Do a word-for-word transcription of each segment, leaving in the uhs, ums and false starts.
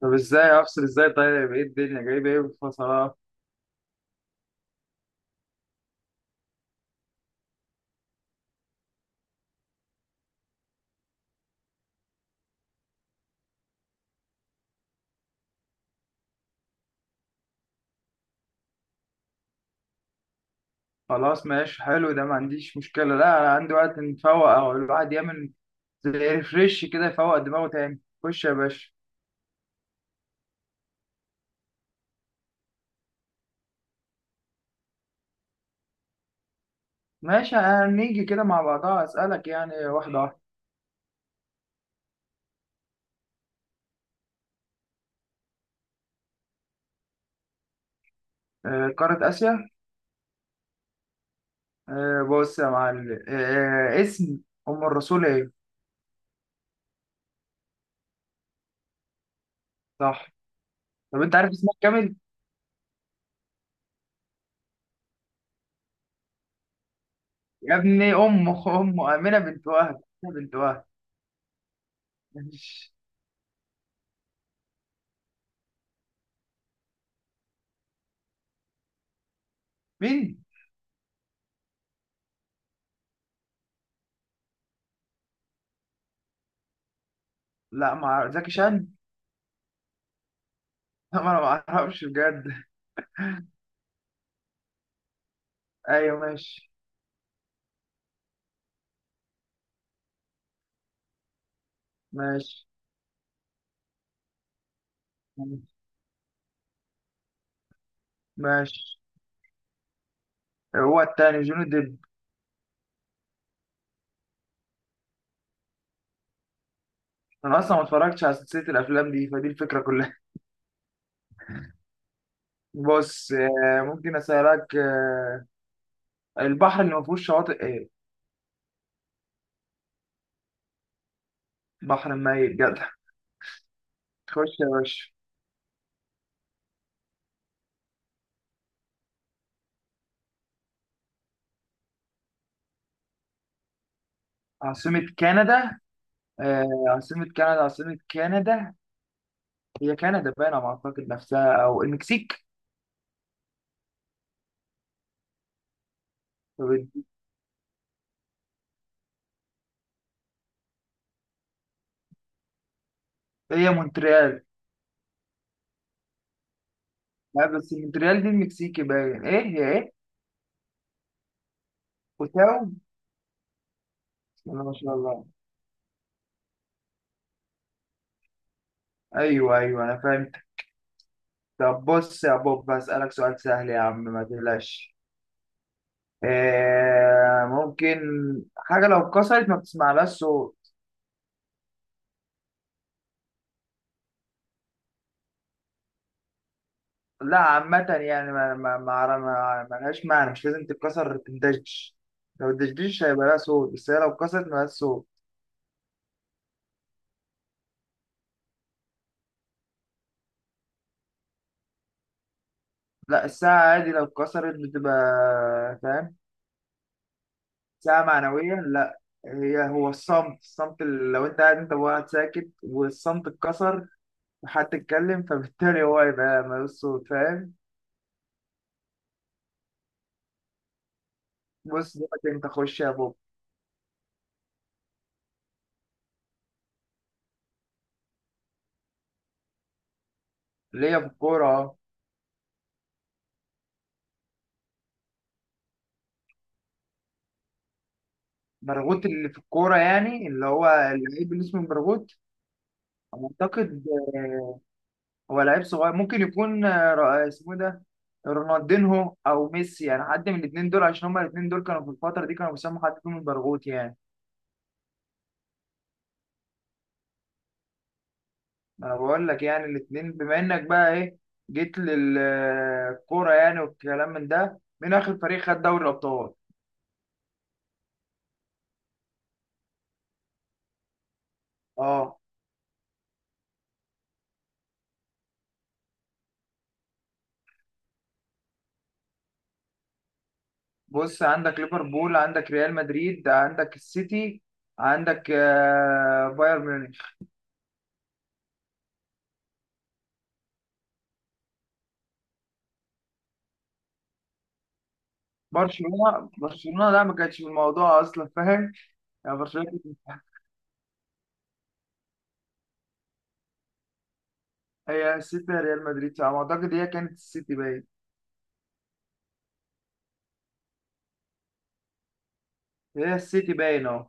طب ازاي افصل ازاي؟ طيب ايه الدنيا جايب ايه بالفصلات؟ خلاص ماشي، حلو ده، ما عنديش مشكلة، لا انا عندي وقت نفوق، او الواحد يعمل زي ريفريش كده، يفوق دماغه تاني. خش يا باشا. ماشي، هنيجي كده مع بعضها، اسألك يعني واحدة واحدة. آه، قارة آسيا. آه، بص يا معلم، آه، اسم أم الرسول ايه؟ صح. طب انت عارف اسمها كامل؟ يا ابني أمه أمه آمنة بنت وهب، آمنة بنت وهب. مش- مين؟ لا، مع زكي شان. لا، ما انا ما اعرفش بجد. ايوه ماشي. ماشي ماشي. هو التاني جوني ديب. انا اصلا ما اتفرجتش على سلسله الافلام دي، فدي الفكره كلها. بص، آه، ممكن اسالك آه، البحر اللي ما فيهوش شواطئ ايه؟ بحر ميت جدع. خش يا باشا. عاصمه كندا؟ آه، عاصمه كندا عاصمه كندا هي كندا باينه على ما اعتقد نفسها او المكسيك. طب هي مونتريال. لا بس مونتريال دي المكسيكي باين، ايه هي ايه. اوتاو. بسم الله ما شاء الله. ايوه ايوه انا فاهم. طب بص يا بوب، هسألك سؤال سهل يا عم، ما تقلقش. آه، ممكن حاجة لو اتكسرت ما بتسمعلهاش صوت؟ لا عامة يعني ما ما ما ما- ما لهاش معنى، مش لازم تتكسر تندش. لو الدشديش هيبقى لها صوت، بس هي لو اتكسرت مالهاش صوت. لا، الساعة عادي لو اتكسرت بتبقى. فاهم. ساعة معنوية لا. هي هو الصمت الصمت اللي لو انت قاعد، انت وقاعد ساكت، والصمت اتكسر، وحد اتكلم، فبالتالي هو هيبقى مالوش صوت. فاهم. بص دلوقتي، انت خش يا بوب. ليا في الكورة اه. برغوت اللي في الكورة، يعني اللي هو اللعيب اللي اسمه برغوت، اعتقد. آه، هو لعيب صغير ممكن يكون آه، را- آه، اسمه إيه ده، رونالدينهو او ميسي، يعني حد من الاثنين دول، عشان هما الاثنين دول كانوا في الفترة دي كانوا بيسموا حد فيهم البرغوت يعني. انا بقول لك يعني الاثنين، بما انك بقى ايه، جيت للكورة يعني، والكلام من ده، من اخر فريق خد دوري الابطال اه. بص عندك ليفربول، عندك ريال مدريد، عندك السيتي، عندك آه، بايرن ميونخ. برشلونة برشلونة لا، ما كانتش في الموضوع أصلا، فاهم. يعني برشلونة كانت- هي السيتي يا ريال مدريد، على ما أعتقد هي كانت السيتي باين. هي السيتي باين أهو.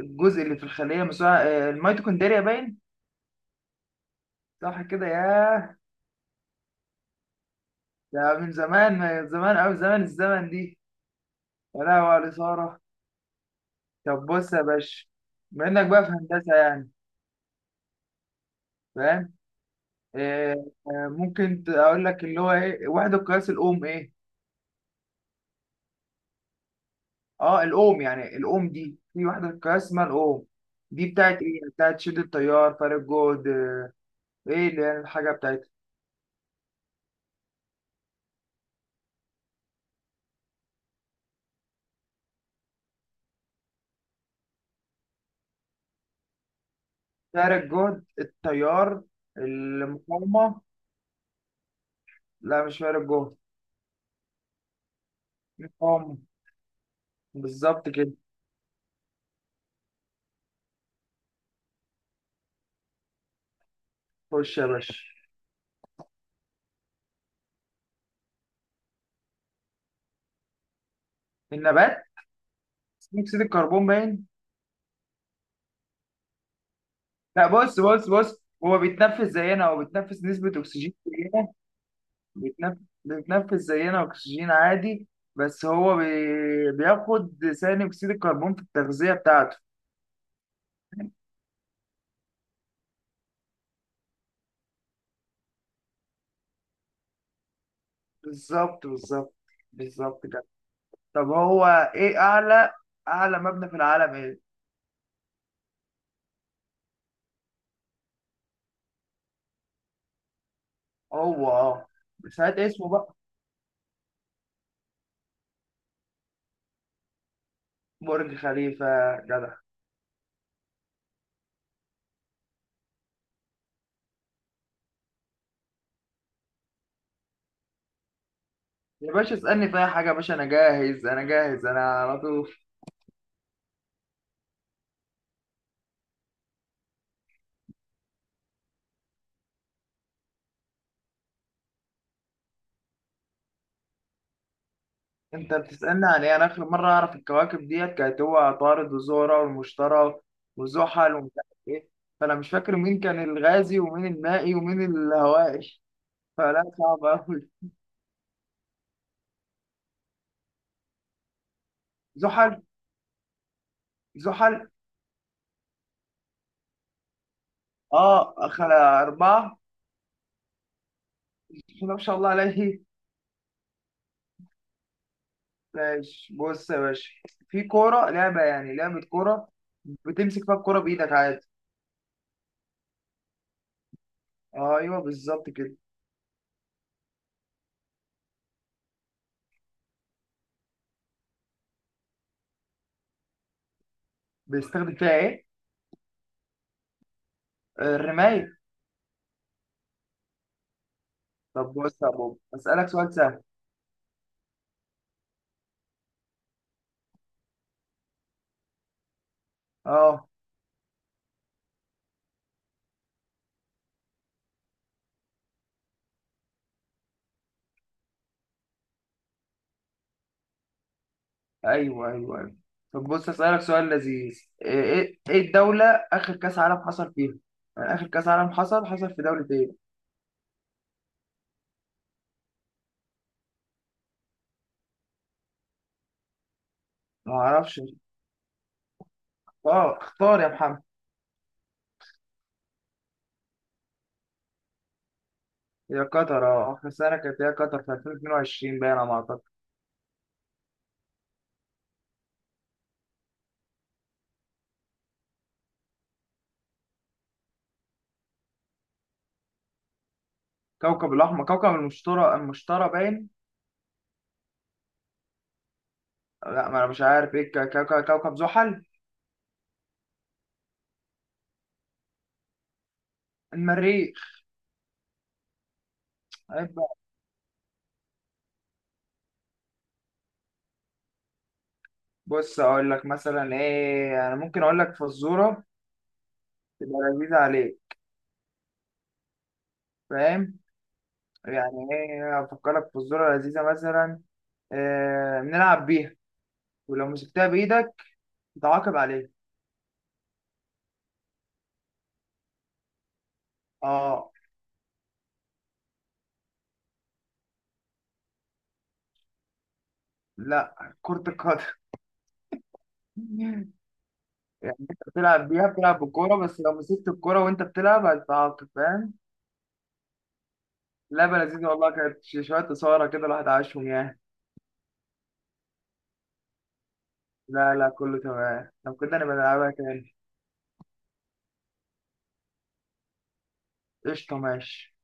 الجزء اللي في الخلية مساعد، الميتوكوندريا باين. صح كده، ياه. ده من زمان، من زمان أوي، زمن الزمن دي. يا لهوي على الإثارة. طب بص يا باشا، بما إنك بقى في هندسة يعني، فاهم. آه، آه، ممكن ت- اقول لك اللي هو ايه، وحده قياس الاوم ايه. اه الاوم، يعني الاوم دي في وحده قياس اسمها الاوم. دي بتاعت ايه يعني، بتاعت شد التيار، فارق جهد، آه، ايه اللي هي الحاجه بتاعتها. فارق جهد، التيار، المقاومه. لا، مش فارق جهد. المقاومه، بالظبط كده. خش يا باشا. النبات؟ ثاني اكسيد الكربون باين. لا، بص بص بص هو بيتنفس زينا، هو بيتنفس نسبه اكسجين زينا. بيتنف... بيتنفس زينا أكسجين عادي، بس هو بي... بياخد ثاني أكسيد الكربون في التغذية بتاعته. بالظبط بالظبط بالظبط كده. طب هو إيه أعلى أعلى مبنى في العالم إيه؟ هو أه، ساعات اسمه بقى. برج خليفة جدع. يا باشا اسألني في أي حاجة يا باشا، أنا جاهز أنا جاهز أنا على طول. انت بتسألني عن ايه؟ انا اخر مرة اعرف الكواكب ديت كانت هو عطارد وزهرة والمشتري وزحل ومش عارف ايه، فانا مش فاكر مين كان الغازي ومين المائي ومين الهوائي، فلا صعب اوي. زحل زحل اه، اخر اربعة. بسم الله ما شاء الله عليه. ماشي بص يا باشا، في كورة لعبة، يعني لعبة كورة بتمسك فيها الكورة بإيدك عادي. ايوه بالظبط كده. بيستخدم فيها ايه؟ الرماية. طب بص يا بابا، اسألك سؤال سهل. اه. ايوه ايوه ايوه. طب بص اسالك سؤال لذيذ، ايه ايه إيه الدوله اخر كاس عالم حصل فيها، يعني اخر كاس عالم حصل حصل في دوله ايه. ما اعرفش. اه، اختار يا محمد. هي قطر، اه اخر سنه كانت هي قطر في ألفين واتنين وعشرين باين على ما اعتقد. كوكب الاحمر، كوكب المشتري، المشتري باين. لا، ما انا مش عارف ايه، كوكب كوكب زحل. المريخ. عيب بقى. بص اقول لك مثلا ايه، انا ممكن اقول لك فزوره تبقى لذيذه عليك، فاهم. يعني ايه افكرك في الذرة لذيذة مثلا، آه نلعب بيها، ولو مسكتها بايدك تعاقب عليها. اه. لا، كرة القدم. يعني انت بتلعب بيها، بتلعب بالكورة، بس لو مسكت الكورة وانت بتلعب هتتعاقب، فاهم. لعبة لذيذة والله، كانت ش- شوية إثارة كده، الواحد عاشهم يعني. لا لا، كله تمام، لو كده نبقى نلعبها تاني. قشطة ماشي.